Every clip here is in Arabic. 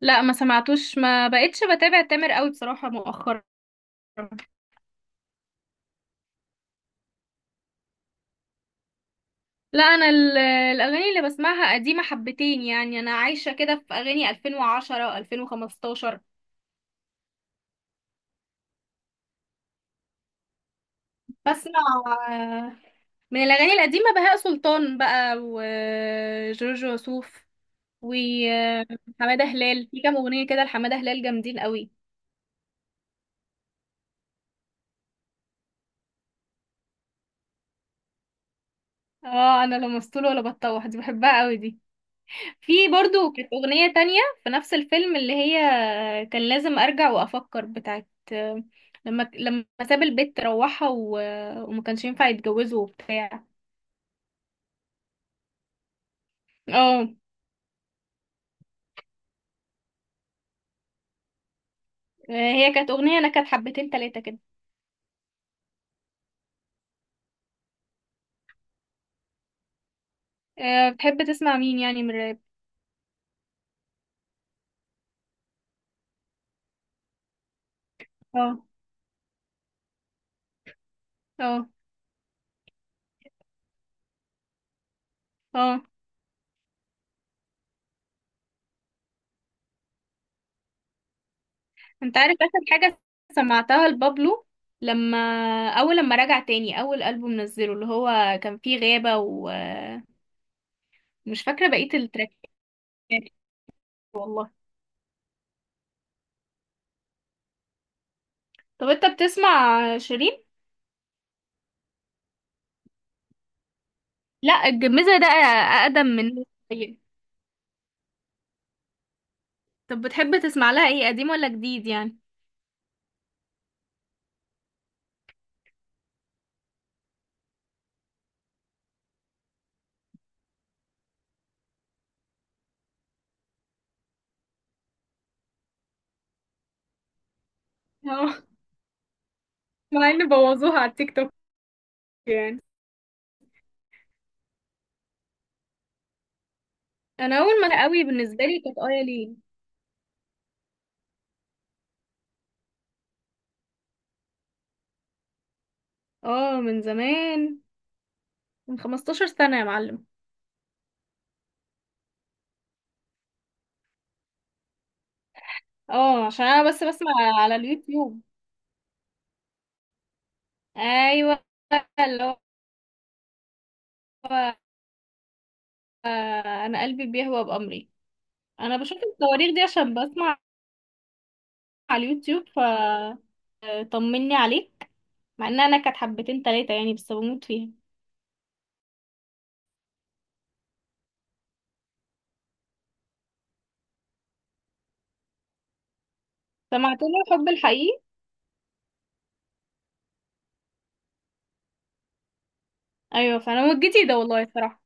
لا، ما سمعتوش، ما بقتش بتابع تامر قوي بصراحة مؤخرا. لا، انا الاغاني اللي بسمعها قديمة حبتين، يعني انا عايشة كده في اغاني 2010 و2015. بسمع آه، من الاغاني القديمة بهاء سلطان بقى، وجورج وسوف، وحمادة هلال. في كام اغنية كده لحمادة هلال جامدين قوي. اه، انا لا مسطول ولا بتطوح، دي بحبها قوي دي. في برضو كانت أغنية تانية، في نفس الفيلم اللي هي كان لازم أرجع وأفكر بتاعت، لما ساب البيت روحها وما كانش ينفع يتجوزه وبتاع. اه، هي كانت أغنية، أنا كانت حبتين تلاتة كده. بتحب تسمع مين يعني من الراب؟ اه، اه، اه، انت عارف آخر حاجة سمعتها لبابلو، لما أول لما رجع تاني، أول ألبوم نزله اللي هو كان فيه غابة ومش فاكرة بقية التراكات. والله. طب، انت بتسمع شيرين؟ لا، الجميزة ده أقدم من. طيب. طب، بتحب تسمع لها ايه، قديم ولا جديد يعني؟ اه، مع ان بوظوها على التيك توك، يعني. انا اول ما قوي بالنسبه لي كانت ايا لين. اه، من زمان، من 15 سنه يا معلم. اه، عشان انا بس بسمع على اليوتيوب. ايوه، اللي هو انا قلبي بيهوى بامري. انا بشوف الصواريخ دي عشان بسمع على اليوتيوب، ف طمني عليك. مع ان انا كانت حبتين تلاتة يعني، بس بموت فيها. سمعت له حب الحقيقي. ايوه، فانا هو الجديد ده والله الصراحه.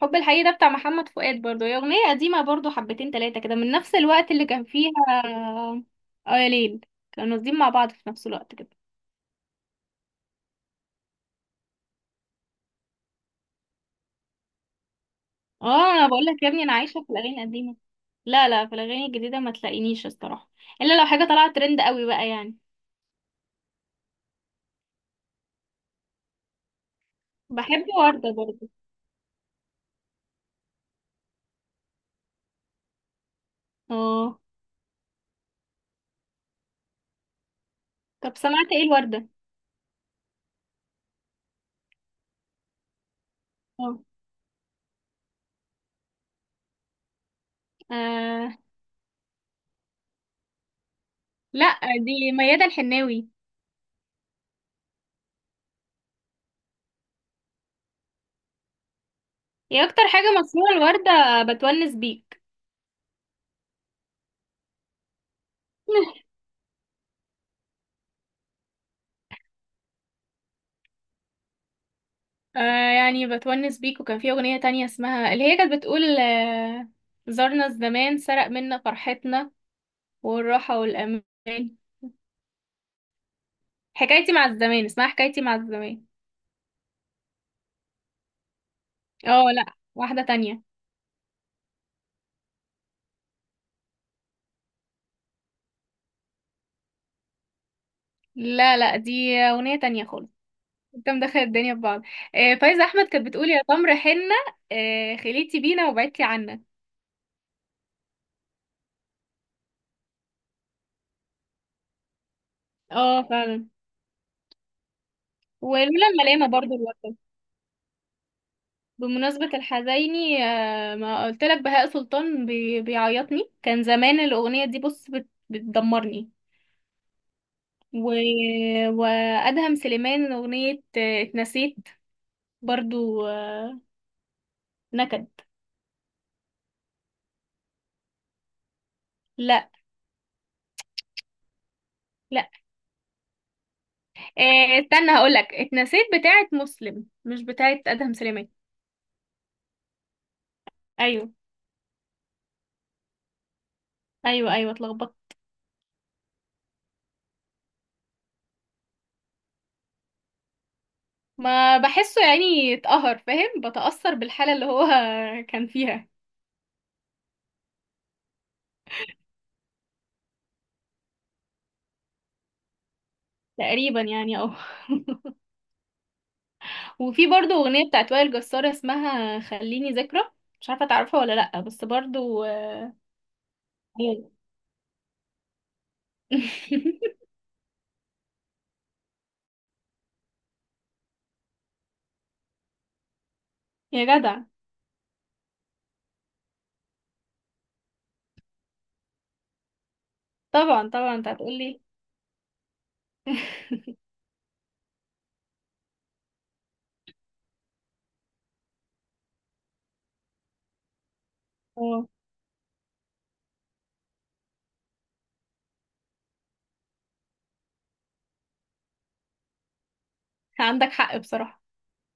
حب الحقيقي ده بتاع محمد فؤاد برضو، هي اغنيه قديمه برضو حبتين تلاتة كده، من نفس الوقت اللي كان فيها اه يا ليل. كانوا قاصدين مع بعض في نفس الوقت كده. اه، انا بقول لك يا ابني، انا عايشه في الاغاني القديمه. لا، لا، في الاغاني الجديده ما تلاقينيش الصراحه، الا لو حاجه طلعت ترند قوي بقى يعني. بحب ورده برضو. اه. طب سمعت ايه الورده؟ اه، آه، لا، دي ميادة الحناوي. هي اكتر حاجه مسموعه الورده بتونس بيك. آه يعني بتونس بيك، وكان في أغنية تانية اسمها، اللي هي كانت بتقول آه زارنا الزمان، سرق منا فرحتنا والراحة والأمان. حكايتي مع الزمان، اسمها حكايتي مع الزمان. اه، لا، واحدة تانية. لا، لا، دي أغنية تانية خالص. انت مدخل الدنيا في بعض. فايزة أحمد كانت بتقول يا تمر حنة، آه خليتي بينا وبعدتي عنا. اه، فعلا. ولولا الملامة برضو الوقت. بمناسبة الحزيني ما قلت لك بهاء سلطان بيعيطني، كان زمان الأغنية دي، بص بتدمرني، و... وأدهم سليمان أغنية اتنسيت برضو نكد. لا، لا، استنى هقولك، اتنسيت بتاعت مسلم، مش بتاعت أدهم سليمان. أيوه، أيوه، أيوه، اتلخبطت. ما بحسه يعني اتقهر فاهم، بتأثر بالحالة اللي هو كان فيها تقريبا يعني. وفي برضو أغنية بتاعت وائل جسار اسمها خليني ذكرى. مش عارفة تعرفها ولا لأ، بس برضو. ايوه. يا جدع. طبعا طبعا، انت هتقولي. اه، عندك حق بصراحة.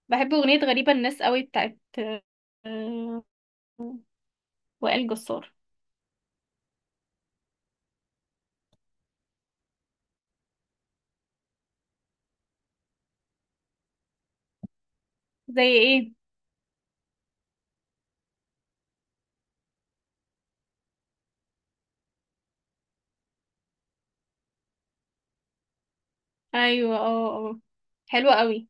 بحب أغنية غريبة الناس قوي بتاعت آه، وائل جسار. زي ايه؟ ايوه، اه، اه، حلوة قوي.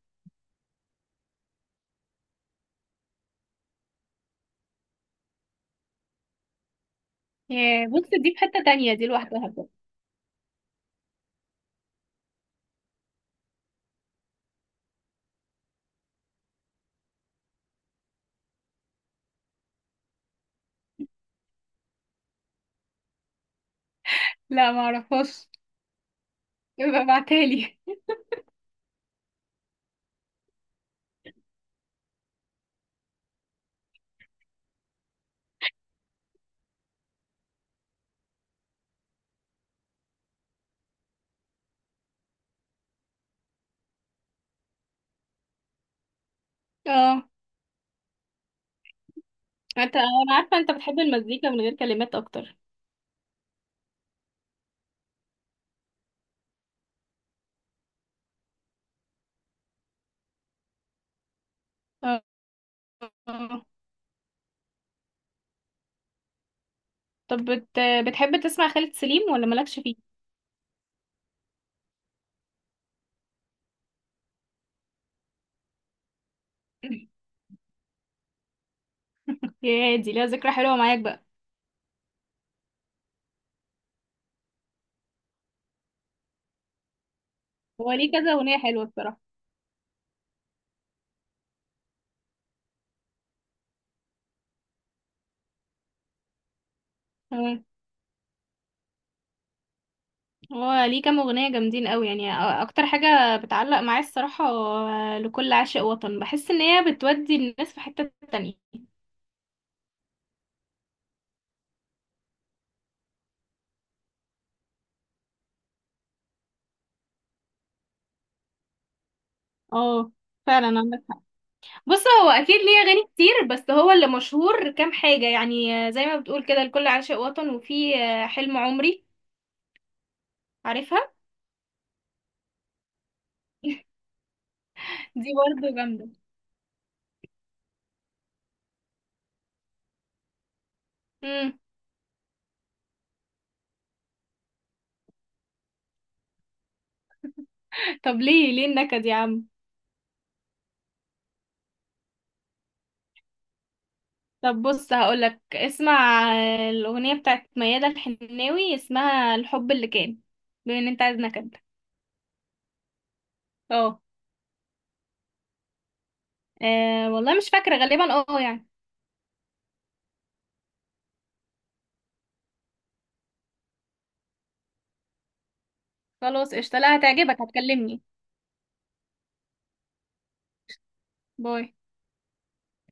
يا بص، دي في حتة تانية، دي لوحدها بقى. لا، معرفهاش، يبقى ابعتهالي. اه، انا عارفة انت بتحب المزيكا من غير كلمات اكتر. اه، طب بتحب تسمع خالد سليم ولا مالكش فيه؟ يا دي ليها ذكرى حلوه معاك بقى. هو ليه كذا اغنيه حلوه بصراحه. تمام. هو ليه كام اغنيه جامدين قوي يعني، اكتر حاجه بتعلق معايا الصراحه لكل عاشق وطن، بحس ان هي بتودي الناس في حته تانية. اه، فعلا عندك حق. بص، هو اكيد ليه اغاني كتير، بس هو اللي مشهور كام حاجه يعني، زي ما بتقول كده لكل عاشق وطن، وفي حلم عمري، عارفها. دي برضه جامده. مم. طب، ليه النكد يا عم؟ طب بص، هقولك اسمع الأغنية بتاعت ميادة الحناوي، اسمها الحب اللي كان، بما ان انت عايز نكد. اه، والله مش فاكرة غالبا اه يعني. خلاص قشطة، لا هتعجبك هتكلمني. باي.